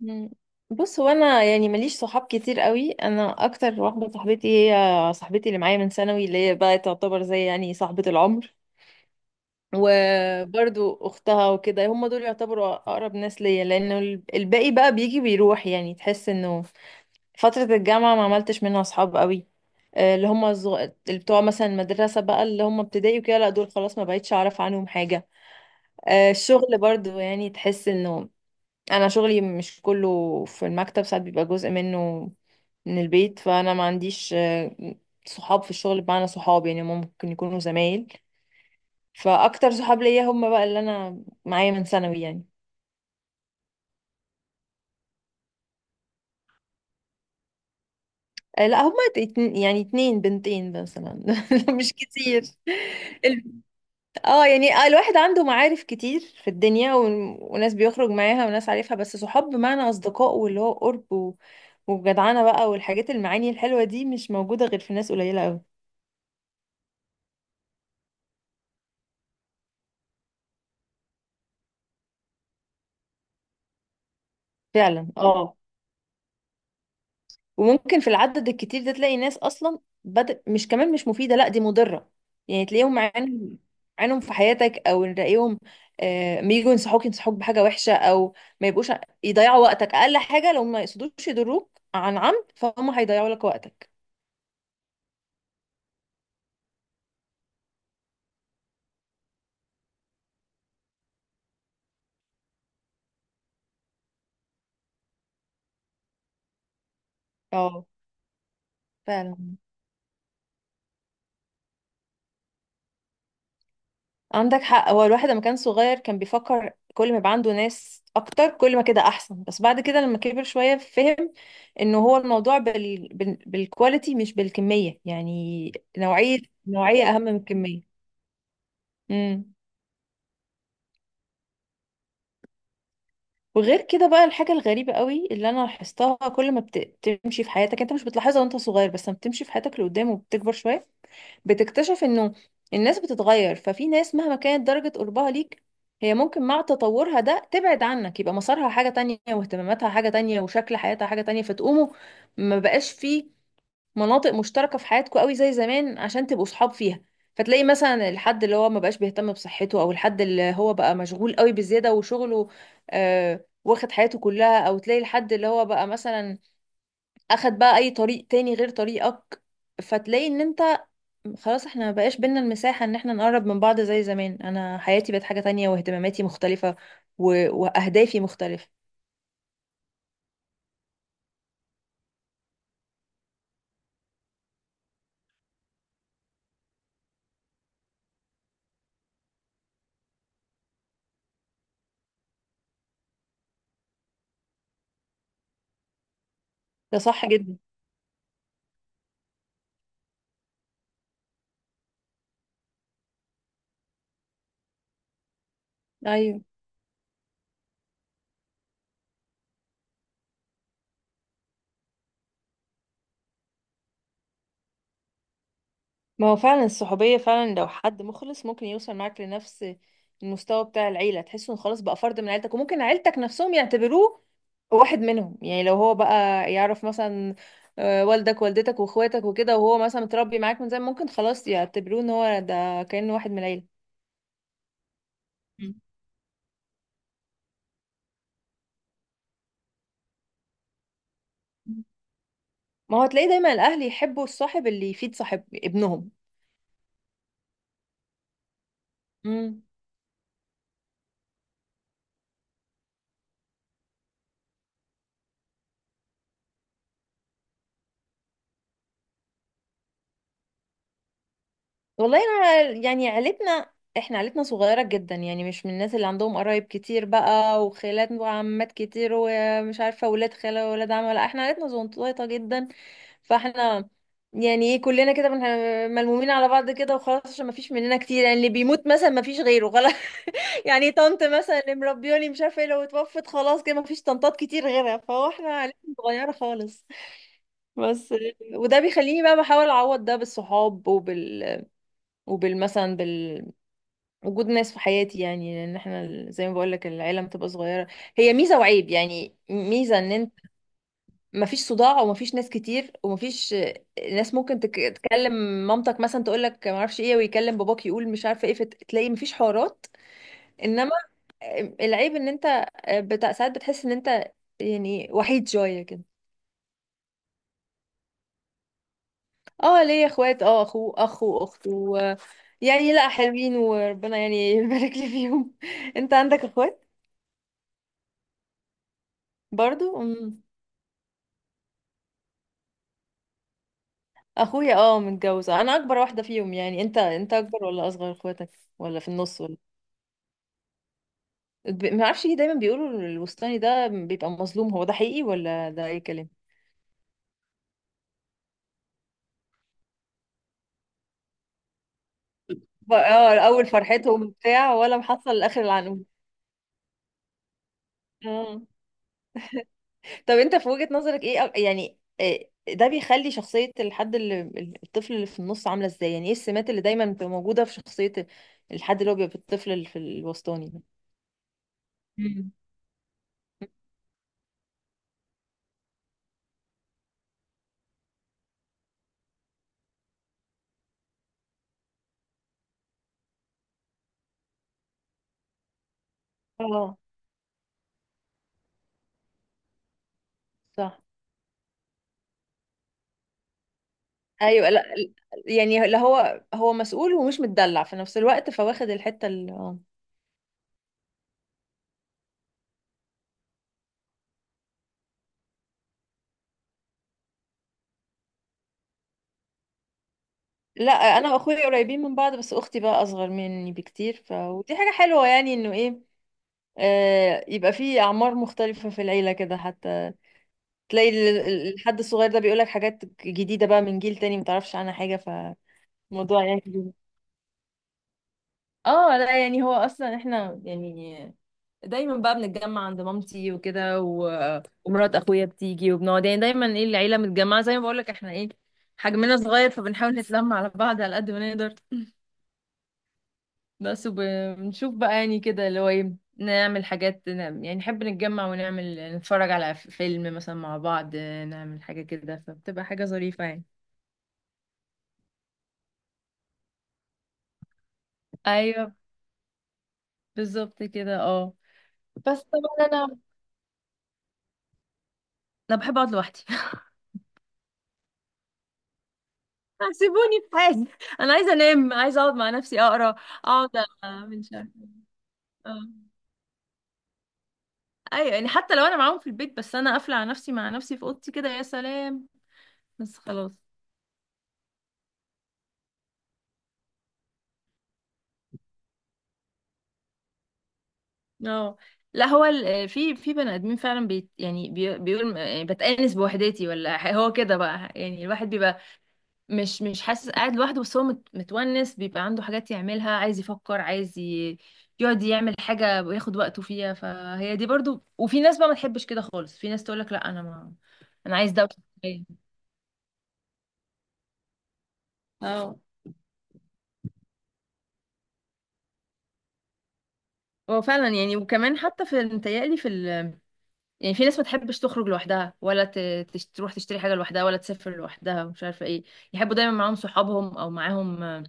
مم. بص، هو انا يعني ماليش صحاب كتير قوي. انا اكتر واحده صاحبتي، هي صاحبتي اللي معايا من ثانوي، اللي هي بقى تعتبر زي يعني صاحبه العمر، وبرضو اختها وكده. هم دول يعتبروا اقرب ناس ليا، لان الباقي بقى بيجي بيروح، يعني تحس انه فتره الجامعه ما عملتش منها صحاب قوي. آه، اللي هم الزغ... اللي بتوع مثلا المدرسه بقى، اللي هم ابتدائي وكده، لا دول خلاص ما بقتش اعرف عنهم حاجه. الشغل برضو يعني تحس انه انا شغلي مش كله في المكتب، ساعات بيبقى جزء منه من البيت، فانا ما عنديش صحاب في الشغل، بمعنى صحاب يعني ممكن يكونوا زمايل. فاكتر صحاب ليا هم بقى اللي انا معايا من ثانوي يعني. لا هم يعني 2 بنتين مثلا. مش كتير. ال- اه يعني الواحد عنده معارف كتير في الدنيا وناس بيخرج معاها وناس عارفها، بس صحاب بمعنى اصدقاء، واللي هو قرب وجدعانة بقى والحاجات المعاني الحلوة دي، مش موجودة غير في ناس قليلة قوي. فعلا اه. وممكن في العدد الكتير ده تلاقي ناس اصلا بدأ مش كمان، مش مفيده، لا دي مضره. يعني تلاقيهم عينهم في حياتك، او نلاقيهم. ما يجوا ينصحوك بحاجه وحشه، او ما يبقوش يضيعوا وقتك، اقل حاجه لو ما يقصدوش يضروك عن عمد، فهم هيضيعوا لك وقتك. اه فعلا. عندك حق، هو الواحد لما كان صغير كان بيفكر كل ما يبقى عنده ناس اكتر كل ما كده احسن، بس بعد كده لما كبر شوية فهم انه هو الموضوع بالكواليتي مش بالكمية يعني. نوعية. نوعية اهم من الكمية. امم. وغير كده بقى الحاجة الغريبة قوي اللي انا لاحظتها، كل ما بتمشي في حياتك، انت مش بتلاحظها وانت صغير، بس لما بتمشي في حياتك لقدام وبتكبر شوية بتكتشف انه الناس بتتغير. ففي ناس مهما كانت درجة قربها ليك، هي ممكن مع تطورها ده تبعد عنك، يبقى مسارها حاجة تانية واهتماماتها حاجة تانية وشكل حياتها حاجة تانية، فتقوموا ما بقاش في مناطق مشتركة في حياتكم قوي زي زمان عشان تبقوا صحاب فيها. فتلاقي مثلا الحد اللي هو ما بقاش بيهتم بصحته، او الحد اللي هو بقى مشغول قوي بزيادة وشغله، واخد حياته كلها، او تلاقي الحد اللي هو بقى مثلا اخد بقى اي طريق تاني غير طريقك. فتلاقي ان انت خلاص احنا ما بقاش بينا المساحة ان احنا نقرب من بعض زي زمان، انا حياتي بقت حاجة تانية واهتماماتي مختلفة و... واهدافي مختلفة. ده صح جدا. ايوه. ما هو فعلا الصحوبية، فعلا لو حد مخلص ممكن يوصل معاك لنفس المستوى بتاع العيلة، تحس انه خلاص بقى فرد من عيلتك، وممكن عيلتك نفسهم يعتبروه واحد منهم. يعني لو هو بقى يعرف مثلا والدك والدتك واخواتك وكده، وهو مثلا متربي معاك من زمان، ممكن خلاص يعتبروه ان هو ده كأنه واحد من العيلة. مم. ما هو تلاقي دايما الاهل يحبوا الصاحب اللي يفيد صاحب ابنهم. مم. والله انا يعني عيلتنا، احنا عيلتنا صغيرة جدا، يعني مش من الناس اللي عندهم قرايب كتير بقى وخالات وعمات كتير، ومش عارفة ولاد خالة وولاد عم. لا احنا عيلتنا زنطوطة جدا. فاحنا يعني ايه، كلنا كده ملمومين على بعض كده وخلاص، عشان ما فيش مننا كتير، يعني اللي بيموت مثلا ما فيش غيره خلاص. يعني طنط مثلا اللي مربياني مش عارفه ايه، لو اتوفت خلاص كده ما فيش طنطات كتير غيرها. فهو احنا عيلتنا صغيره خالص. بس. وده بيخليني بقى بحاول اعوض ده بالصحاب وبال وبال مثلا بال وجود ناس في حياتي، يعني لان احنا زي ما بقول لك العيله بتبقى صغيره. هي ميزه وعيب. يعني ميزه ان مفيش صداع، ومفيش ناس كتير، ومفيش ناس ممكن تكلم مامتك مثلا تقول لك ما اعرفش ايه، ويكلم باباك يقول مش عارفه ايه، فتلاقي مفيش حوارات. انما العيب ان انت بتاع ساعات بتحس ان انت يعني وحيد شويه كده. اه ليا اخوات، اه اخ واخت يعني لا حلوين، وربنا يعني يبارك لي فيهم. انت عندك اخوات؟ برضو أمم. اخويا اه متجوزه، انا اكبر واحده فيهم. يعني انت انت اكبر ولا اصغر اخواتك، ولا في النص ولا؟ ما اعرفش ليه دايما بيقولوا الوسطاني ده بيبقى مظلوم، هو ده حقيقي ولا ده اي كلام؟ اه اول فرحتهم بتاع ولا محصل لاخر العنقود؟ اه. طب انت في وجهة نظرك ايه، يعني إيه ده بيخلي شخصية الحد اللي الطفل اللي في النص عاملة ازاي، يعني ايه السمات اللي دايما بتبقى موجودة في شخصية الحد اللي هو بيبقى الطفل اللي في الوسطاني ده؟ مم. اه صح. ايوه. لا يعني لا هو مسؤول ومش متدلع في نفس الوقت، فواخد الحتة اللي. لا انا واخويا قريبين من بعض، بس اختي بقى اصغر مني بكتير، ف ودي حاجه حلوه يعني انه ايه، يبقى في اعمار مختلفه في العيله كده، حتى تلاقي الحد الصغير ده بيقولك حاجات جديده بقى من جيل تاني متعرفش عنها حاجه، فالموضوع يعني جديد. اه لا يعني هو اصلا احنا يعني دايما بقى بنتجمع عند مامتي وكده ومرات اخويا بتيجي وبنقعد، يعني دايما ايه العيله متجمعه، زي ما بقولك احنا ايه حجمنا صغير فبنحاول نتلم على بعض على قد ما نقدر. بس. وبنشوف بقى يعني كده اللي هو ايه، نعمل حاجات، نعمل يعني نحب نتجمع ونعمل نتفرج على فيلم مثلا مع بعض، نعمل حاجة كده، فبتبقى حاجة ظريفة يعني. ايوه بالظبط كده اه. بس طبعا انا بحب اقعد لوحدي. سيبوني في حالي، انا عايزه انام، عايزه اقعد مع نفسي اقرا. اقعد من شهر. اه. ايوه يعني حتى لو انا معاهم في البيت، بس انا قافله على نفسي مع نفسي في اوضتي كده يا سلام. بس خلاص. اه لا هو في بني ادمين فعلا بي يعني بي بيقول يعني بتأنس بوحدتي، ولا هو كده بقى، يعني الواحد بيبقى مش حاسس قاعد لوحده، بس هو متونس، بيبقى عنده حاجات يعملها، عايز يفكر، عايز يقعد يعمل حاجة وياخد وقته فيها. فهي دي برضو. وفي ناس بقى ما تحبش كده خالص، في ناس تقولك لا انا ما. انا عايز دوشة شوية. اه. هو فعلا يعني، وكمان حتى في متهيألي في يعني في ناس ما تحبش تخرج لوحدها، ولا تروح تشتري حاجة لوحدها، ولا تسافر لوحدها، ومش عارفة ايه، يحبوا دايما معاهم صحابهم او معاهم.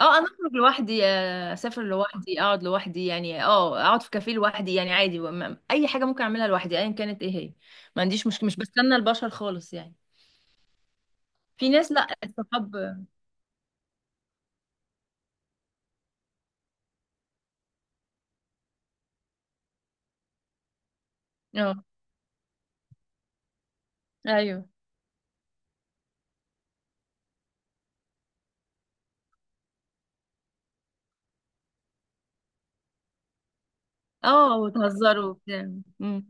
اه انا اخرج لوحدي، اسافر لوحدي، اقعد لوحدي، يعني اه اقعد في كافيه لوحدي يعني عادي، اي حاجة ممكن اعملها لوحدي ايا كانت ايه هي. ما عنديش مشكلة، مش بستنى البشر خالص يعني. في ناس، لا الصحاب. اه ايوه. اه وتهزروا وبتاع. مم.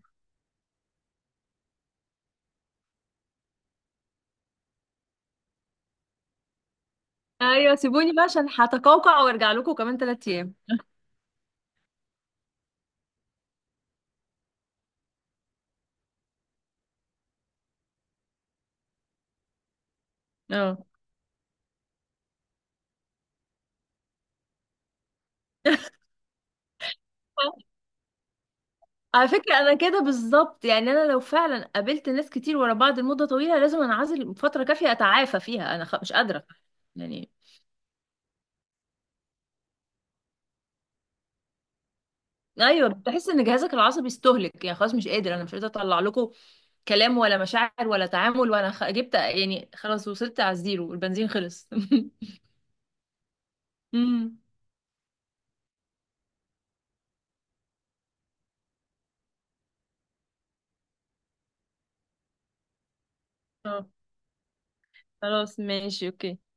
ايوه سيبوني بقى عشان هتقوقع وارجع لكم كمان 3 ايام. اه. على فكرة أنا كده بالظبط، يعني أنا لو فعلا قابلت ناس كتير ورا بعض لمدة طويلة لازم أنعزل فترة كافية أتعافى فيها، مش قادرة يعني. أيوه بتحس إن جهازك العصبي استهلك، يعني خلاص مش قادر، أنا مش قادرة أطلع لكم كلام ولا مشاعر ولا تعامل، جبت يعني، خلاص وصلت على الزيرو، البنزين خلص. أمم. آه، خلاص ماشي أوكي.